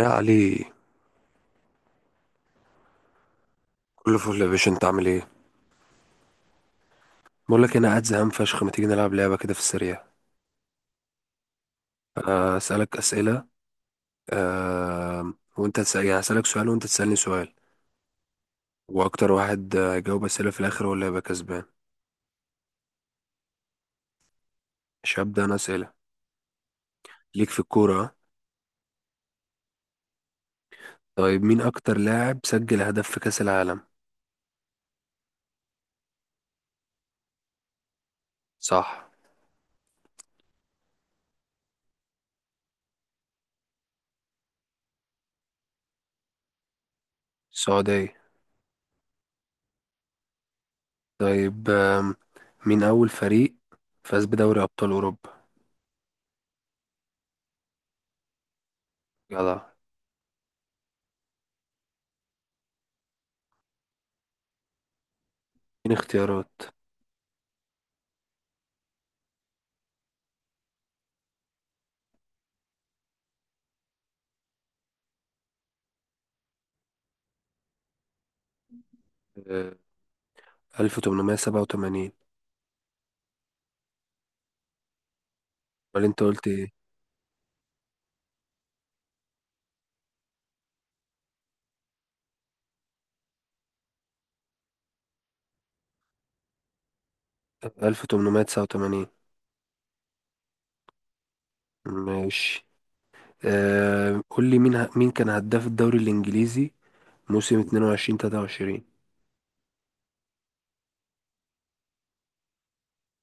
يا علي، كله فل يا باشا، انت عامل ايه؟ بقول لك انا قاعد زهقان فشخ، ما تيجي نلعب لعبه كده في السريع؟ انا اسالك اسئله. وانت تسال، يعني اسالك سؤال وانت تسالني سؤال. واكتر واحد يجاوب اسئله في الاخر، هو اللي هيبقى كسبان. مش هبدا انا اسئله؟ ليك في الكوره، اه؟ طيب، مين اكتر لاعب سجل هدف في كاس العالم؟ صح. السعوديه. طيب، مين اول فريق فاز بدوري ابطال اوروبا؟ يلا. مين اختيارات؟ آه، 1887. امال انت قلت؟ 1889. ماشي. قول لي مين مين كان هداف الدوري الإنجليزي موسم اتنين وعشرين تلاتة وعشرين؟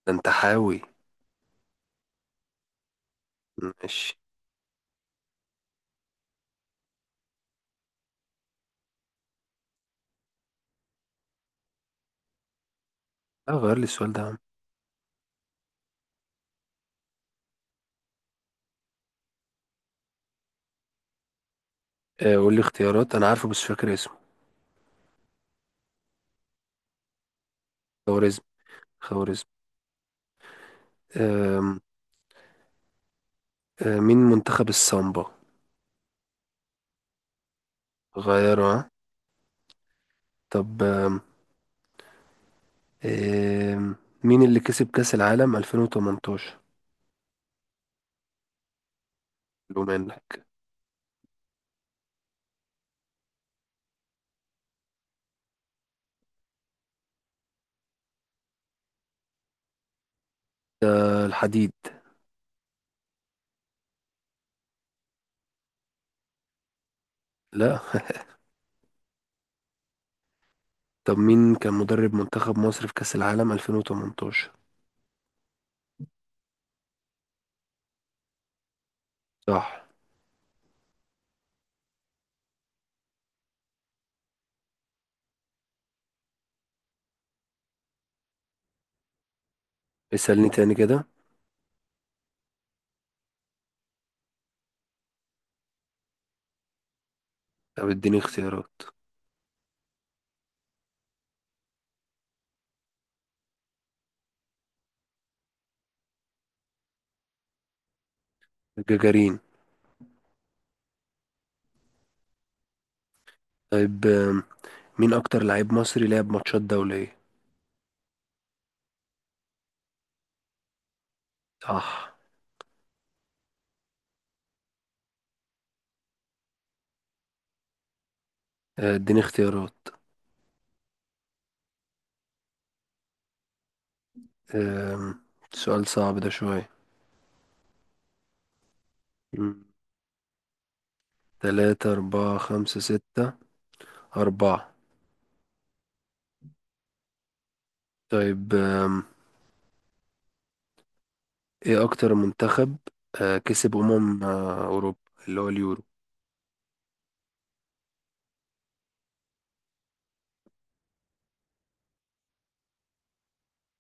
ده أنت حاوي. ماشي. اه، غير لي السؤال ده يا عم. قول لي اختيارات، أنا عارفه بس فاكر اسمه. خوارزم، خوارزم. آم، آه مين منتخب السامبا؟ غيره، ها؟ طب، آم، آم، مين اللي كسب كأس العالم 2018؟ لو منك. آه، الحديد. لا. طب، مين كان مدرب منتخب مصر في كأس العالم 2018؟ صح. اسألني تاني كده. طب اديني اختيارات. جاجارين. طيب، مين اكتر لعيب مصري لعب ماتشات دولية؟ صح. اديني اختيارات. آم، سؤال صعب ده شوية. مم. تلاتة أربعة خمسة ستة. أربعة. طيب، ايه اكتر منتخب كسب أمم أوروبا، اللي هو اليورو؟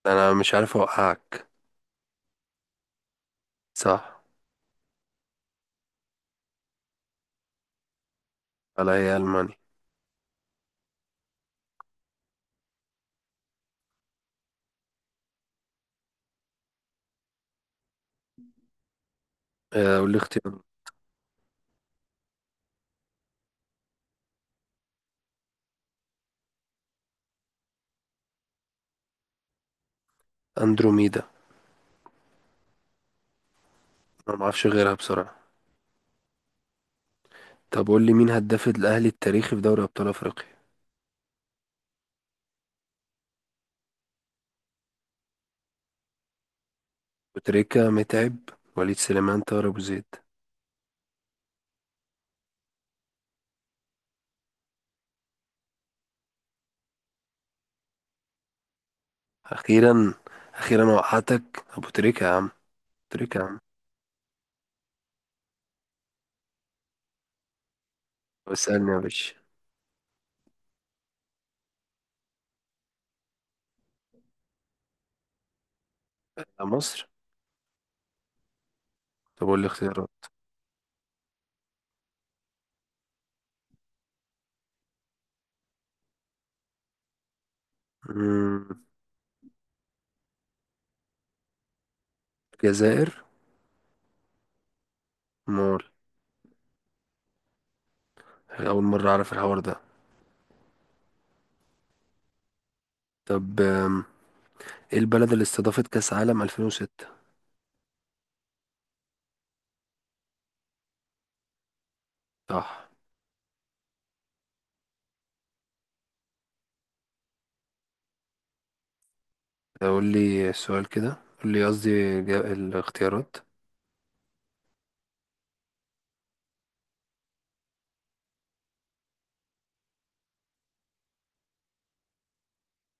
انا مش عارف اوقعك. صح. على هي ألمانيا. قول لي اختيار. اندروميدا. انا معرفش غيرها بسرعة. طب قول لي مين هداف الأهلي التاريخي في دوري أبطال أفريقيا؟ وتريكة، متعب، وليد سليمان، طاهر أبو زيد. أخيرا، أخيرا وقعتك أبو تريكة يا عم. تريكة يا عم. طب اسألني يا باشا. مصر. طب قول لي اختيارات. مم، الجزائر. مول. أول مرة أعرف الحوار ده. طب، إيه البلد اللي استضافت كأس عالم 2006؟ صح. طب قول لي السؤال كده، قول لي قصدي الاختيارات.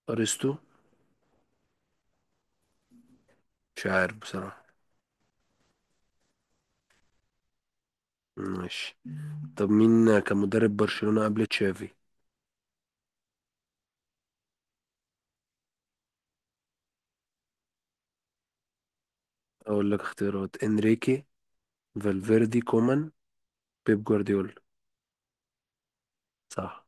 أرسطو. مش عارف بصراحة. ماشي. طب، مين كان مدرب برشلونة قبل تشافي؟ اقول لك اختيارات: انريكي، فالفيردي، كومان، بيب جوارديولا. صح.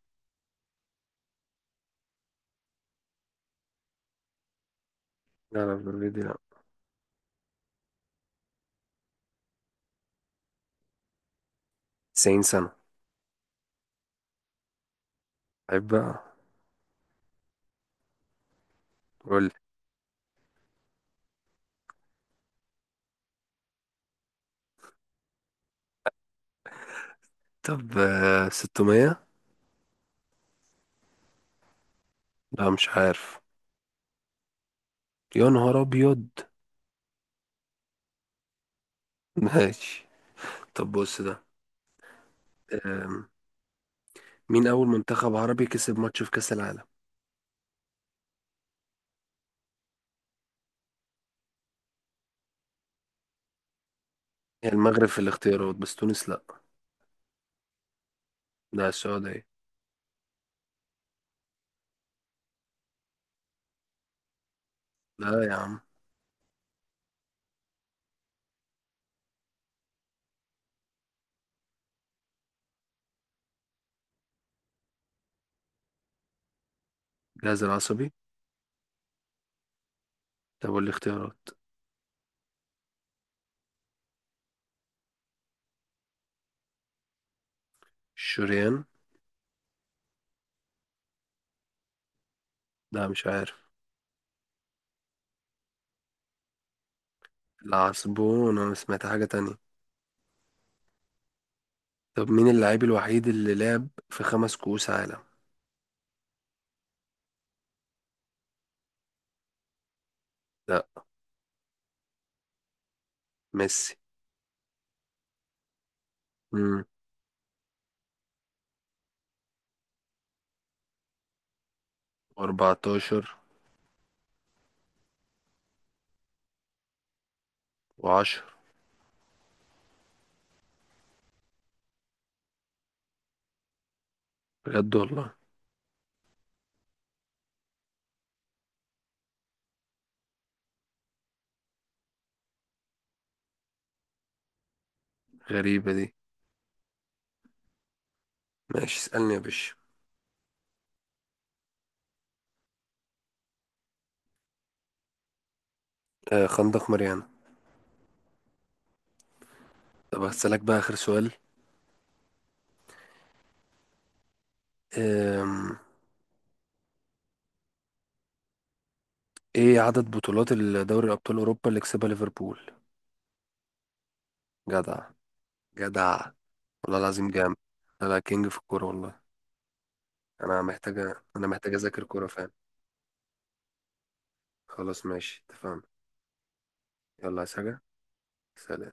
لا، لا، فالفيردي لا. 90 سنة. عيب بقى. قول لي. طب، 600. لا، مش عارف. يا نهار ابيض. ماشي. طب بص ده. آم، مين اول منتخب عربي كسب ماتش في كأس العالم؟ هي المغرب في الاختيارات بس تونس لا. لا، السعودية. لا يا عم. جهاز العصبي. طب والاختيارات؟ الشريان. لا، مش عارف. العصبون؟ انا سمعت حاجة تانية. طب، مين اللاعب الوحيد اللي لعب في خمس كؤوس عالم؟ لا. ميسي. امم. 14 و10. بجد والله؟ غريبة دي. ماشي، اسألني يا باشا. آه، خندق ماريانا. طب هسألك بقى آخر سؤال. آم. ايه عدد بطولات الدوري ابطال اوروبا اللي كسبها ليفربول؟ جدع! جدع! والله العظيم جامد. لا، لا، كينج في الكورة والله. انا محتاجة اذاكر كورة فعلا. خلاص، ماشي، اتفقنا. يلا، عايز حاجة؟ سلام.